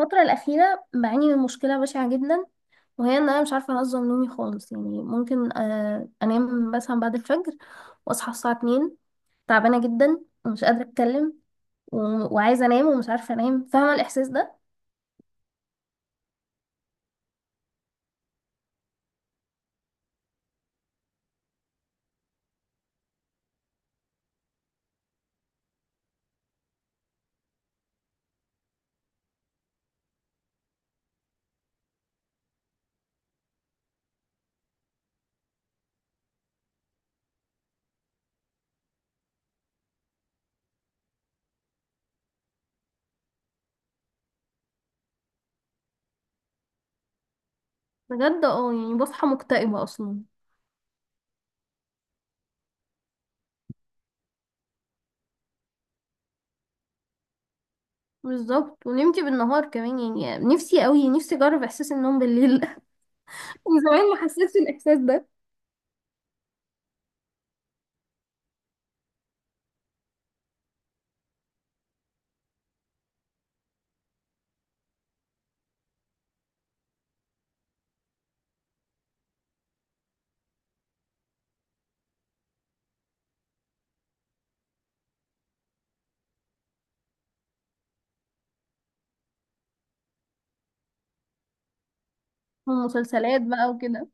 الفترة الأخيرة بعاني من مشكلة بشعة جدا، وهي إن أنا مش عارفة أنظم نومي خالص. يعني ممكن أنام مثلا بعد الفجر وأصحى الساعة 2، تعبانة جدا ومش قادرة أتكلم وعايزة أنام ومش عارفة أنام. فاهمة الإحساس ده؟ بجد. اه يعني بصحى مكتئبة اصلا. بالظبط، ونمتي بالنهار كمان، يعني نفسي قوي، نفسي اجرب احساس النوم بالليل من زمان ما حسيتش الاحساس ده. ومسلسلات بقى وكده.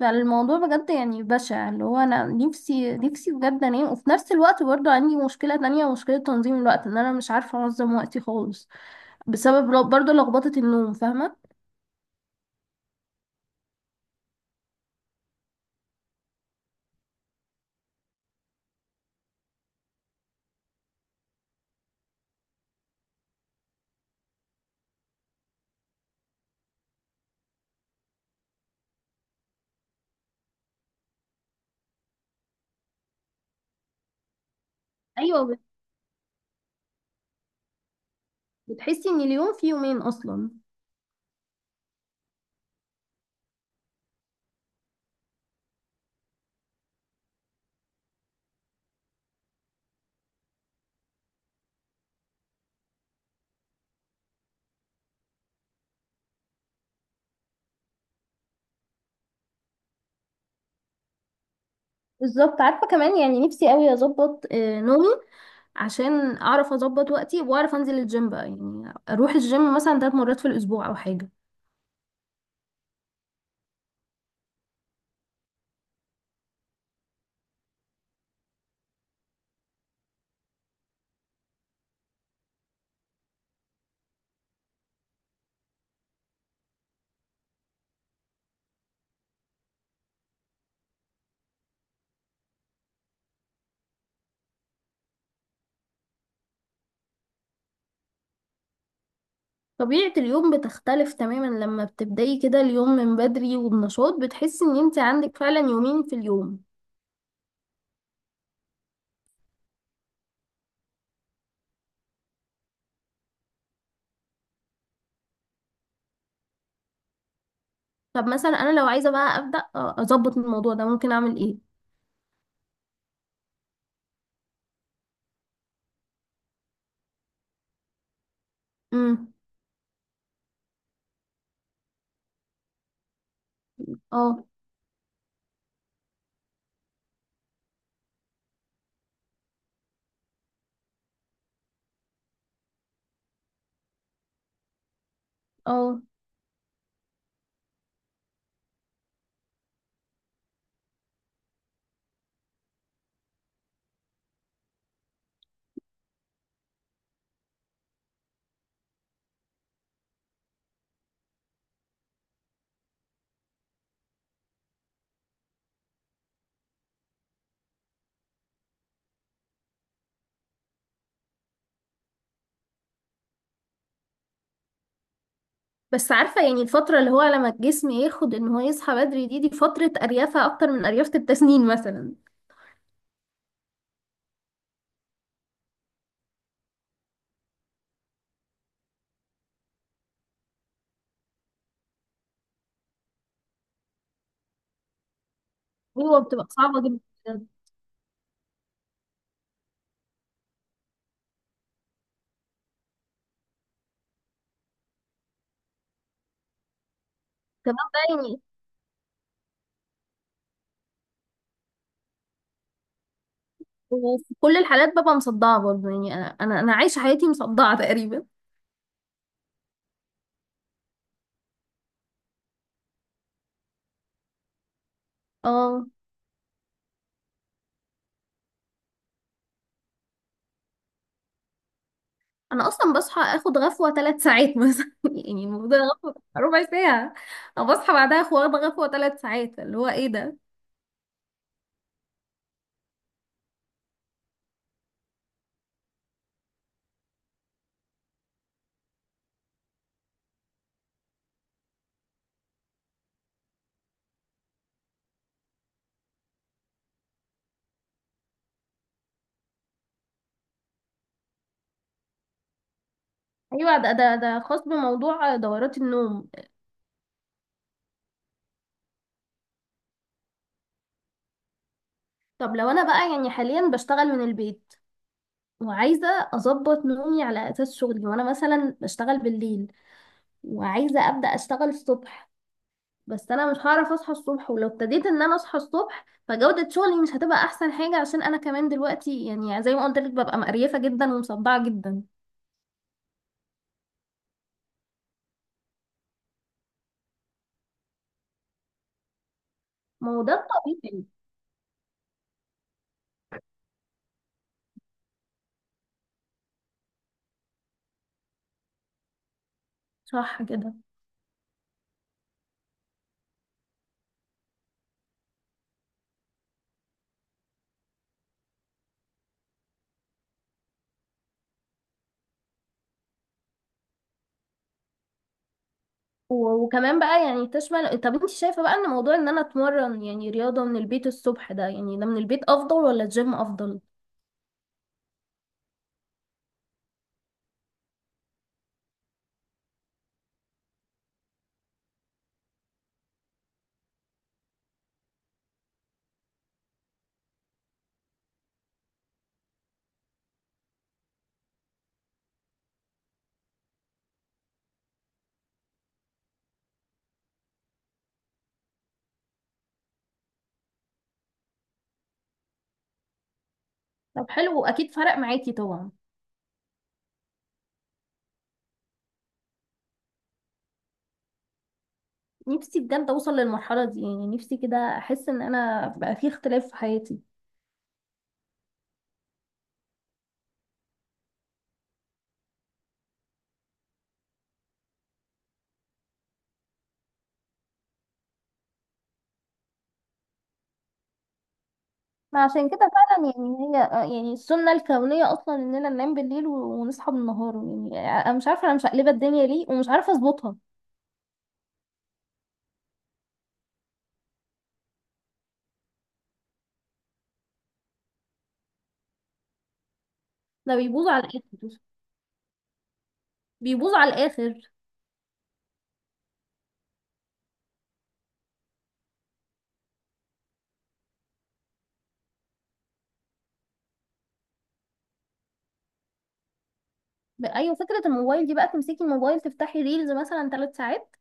فالموضوع بجد يعني بشع، اللي هو انا نفسي نفسي بجد انام، وفي نفس الوقت برضو عندي مشكلة تانية، مشكلة تنظيم الوقت، ان انا مش عارفة انظم وقتي خالص، بسبب برضو لخبطة النوم. فاهمة؟ ايوه. بتحسي ان اليوم فيه يومين اصلا. بالظبط. عارفة كمان، يعني نفسي قوي اظبط نومي، عشان اعرف اظبط وقتي واعرف انزل الجيم بقى. يعني اروح الجيم مثلا 3 مرات في الاسبوع او حاجة. طبيعة اليوم بتختلف تماما لما بتبدأي كده اليوم من بدري وبنشاط، بتحسي ان انت عندك فعلا يومين في اليوم. طب مثلا انا لو عايزة بقى أبدأ اظبط الموضوع ده، ممكن اعمل ايه؟ امم. اه. اه. بس عارفة، يعني الفترة اللي هو لما الجسم ياخد ان هو يصحى بدري دي، دي فترة اريافة اكتر من اريافة التسنين مثلا. ايوه، بتبقى صعبة جدا. كمان بقى يعني، وفي كل الحالات ببقى مصدعة برضه. يعني انا انا أنا عايشة حياتي مصدعة تقريبا. اه. انا اصلا بصحى اخد غفوه 3 ساعات مثلا يعني المفروض غفوه 1/4 ساعه. انا بصحى بعدها اخد، واخده غفوه 3 ساعات، اللي هو ايه ده؟ ايوه، ده خاص بموضوع دورات النوم. طب لو انا بقى يعني حاليا بشتغل من البيت، وعايزه اظبط نومي على اساس شغلي، وانا مثلا بشتغل بالليل، وعايزه ابدا اشتغل الصبح، بس انا مش هعرف اصحى الصبح. ولو ابتديت ان انا اصحى الصبح، فجوده شغلي مش هتبقى احسن حاجه، عشان انا كمان دلوقتي يعني زي ما قلت لك ببقى مقريفه جدا ومصدعه جدا. ما هو ده الطبيعي. صح كده. وكمان بقى يعني تشمل. طب انت شايفة بقى ان موضوع ان انا اتمرن يعني رياضة من البيت الصبح ده، يعني ده من البيت افضل ولا الجيم افضل؟ طب حلو، واكيد فرق معاكي طبعا. نفسي بجد اوصل للمرحلة دي، يعني نفسي كده احس ان انا بقى في اختلاف في حياتي. ما عشان كده فعلا، يعني هي يعني السنة الكونية اصلا اننا ننام بالليل ونصحى بالنهار. يعني انا مش عارفة انا مش مقلبة الدنيا ليه ومش عارفة اظبطها. ده بيبوظ على الاخر. بيبوظ على الاخر. ايوه، فكره الموبايل دي بقى، تمسكي الموبايل تفتحي ريلز مثلا 3 ساعات،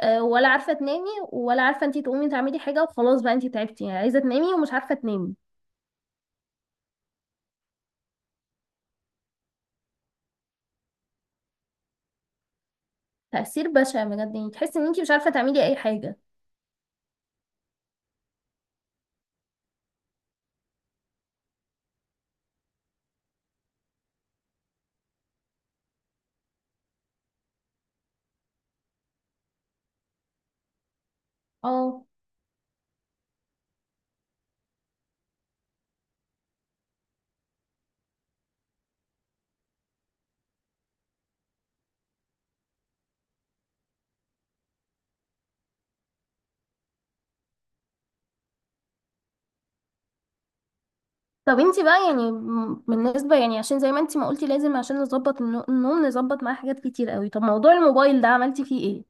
ولا عارفه تنامي، ولا عارفه انت تقومي تعملي حاجه، وخلاص بقى انت تعبتي، يعني عايزه تنامي ومش عارفه تنامي. تاثير بشع بجد، يعني تحسي ان انت مش عارفه تعملي اي حاجه. اه. طب انت بقى يعني بالنسبه، يعني عشان زي ما انت ما قلتي لازم عشان نظبط النوم نظبط معاه حاجات كتير قوي. طب موضوع الموبايل ده عملتي فيه ايه؟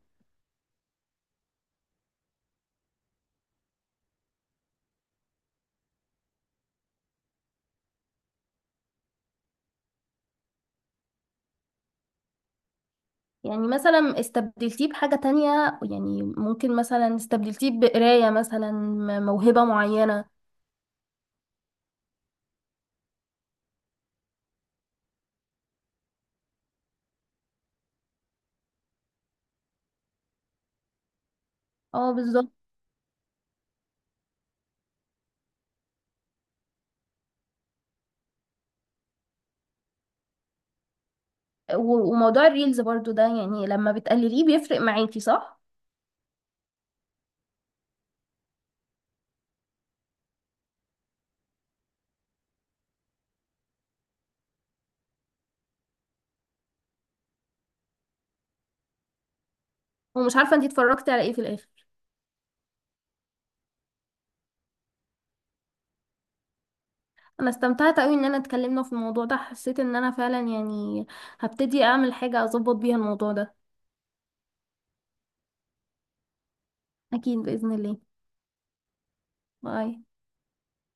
يعني مثلا استبدلتيه بحاجه تانية؟ يعني ممكن مثلا استبدلتيه بقرايه مثلا، موهبه معينه. اه، بالظبط. وموضوع الريلز برضو ده، يعني لما بتقلليه بيفرق معاكي، صح؟ ومش عارفه انتي اتفرجتي على ايه في الاخر. انا استمتعت قوي ان انا اتكلمنا في الموضوع ده، حسيت ان انا فعلا يعني هبتدي اعمل حاجه اظبط بيها الموضوع ده. اكيد باذن الله. باي.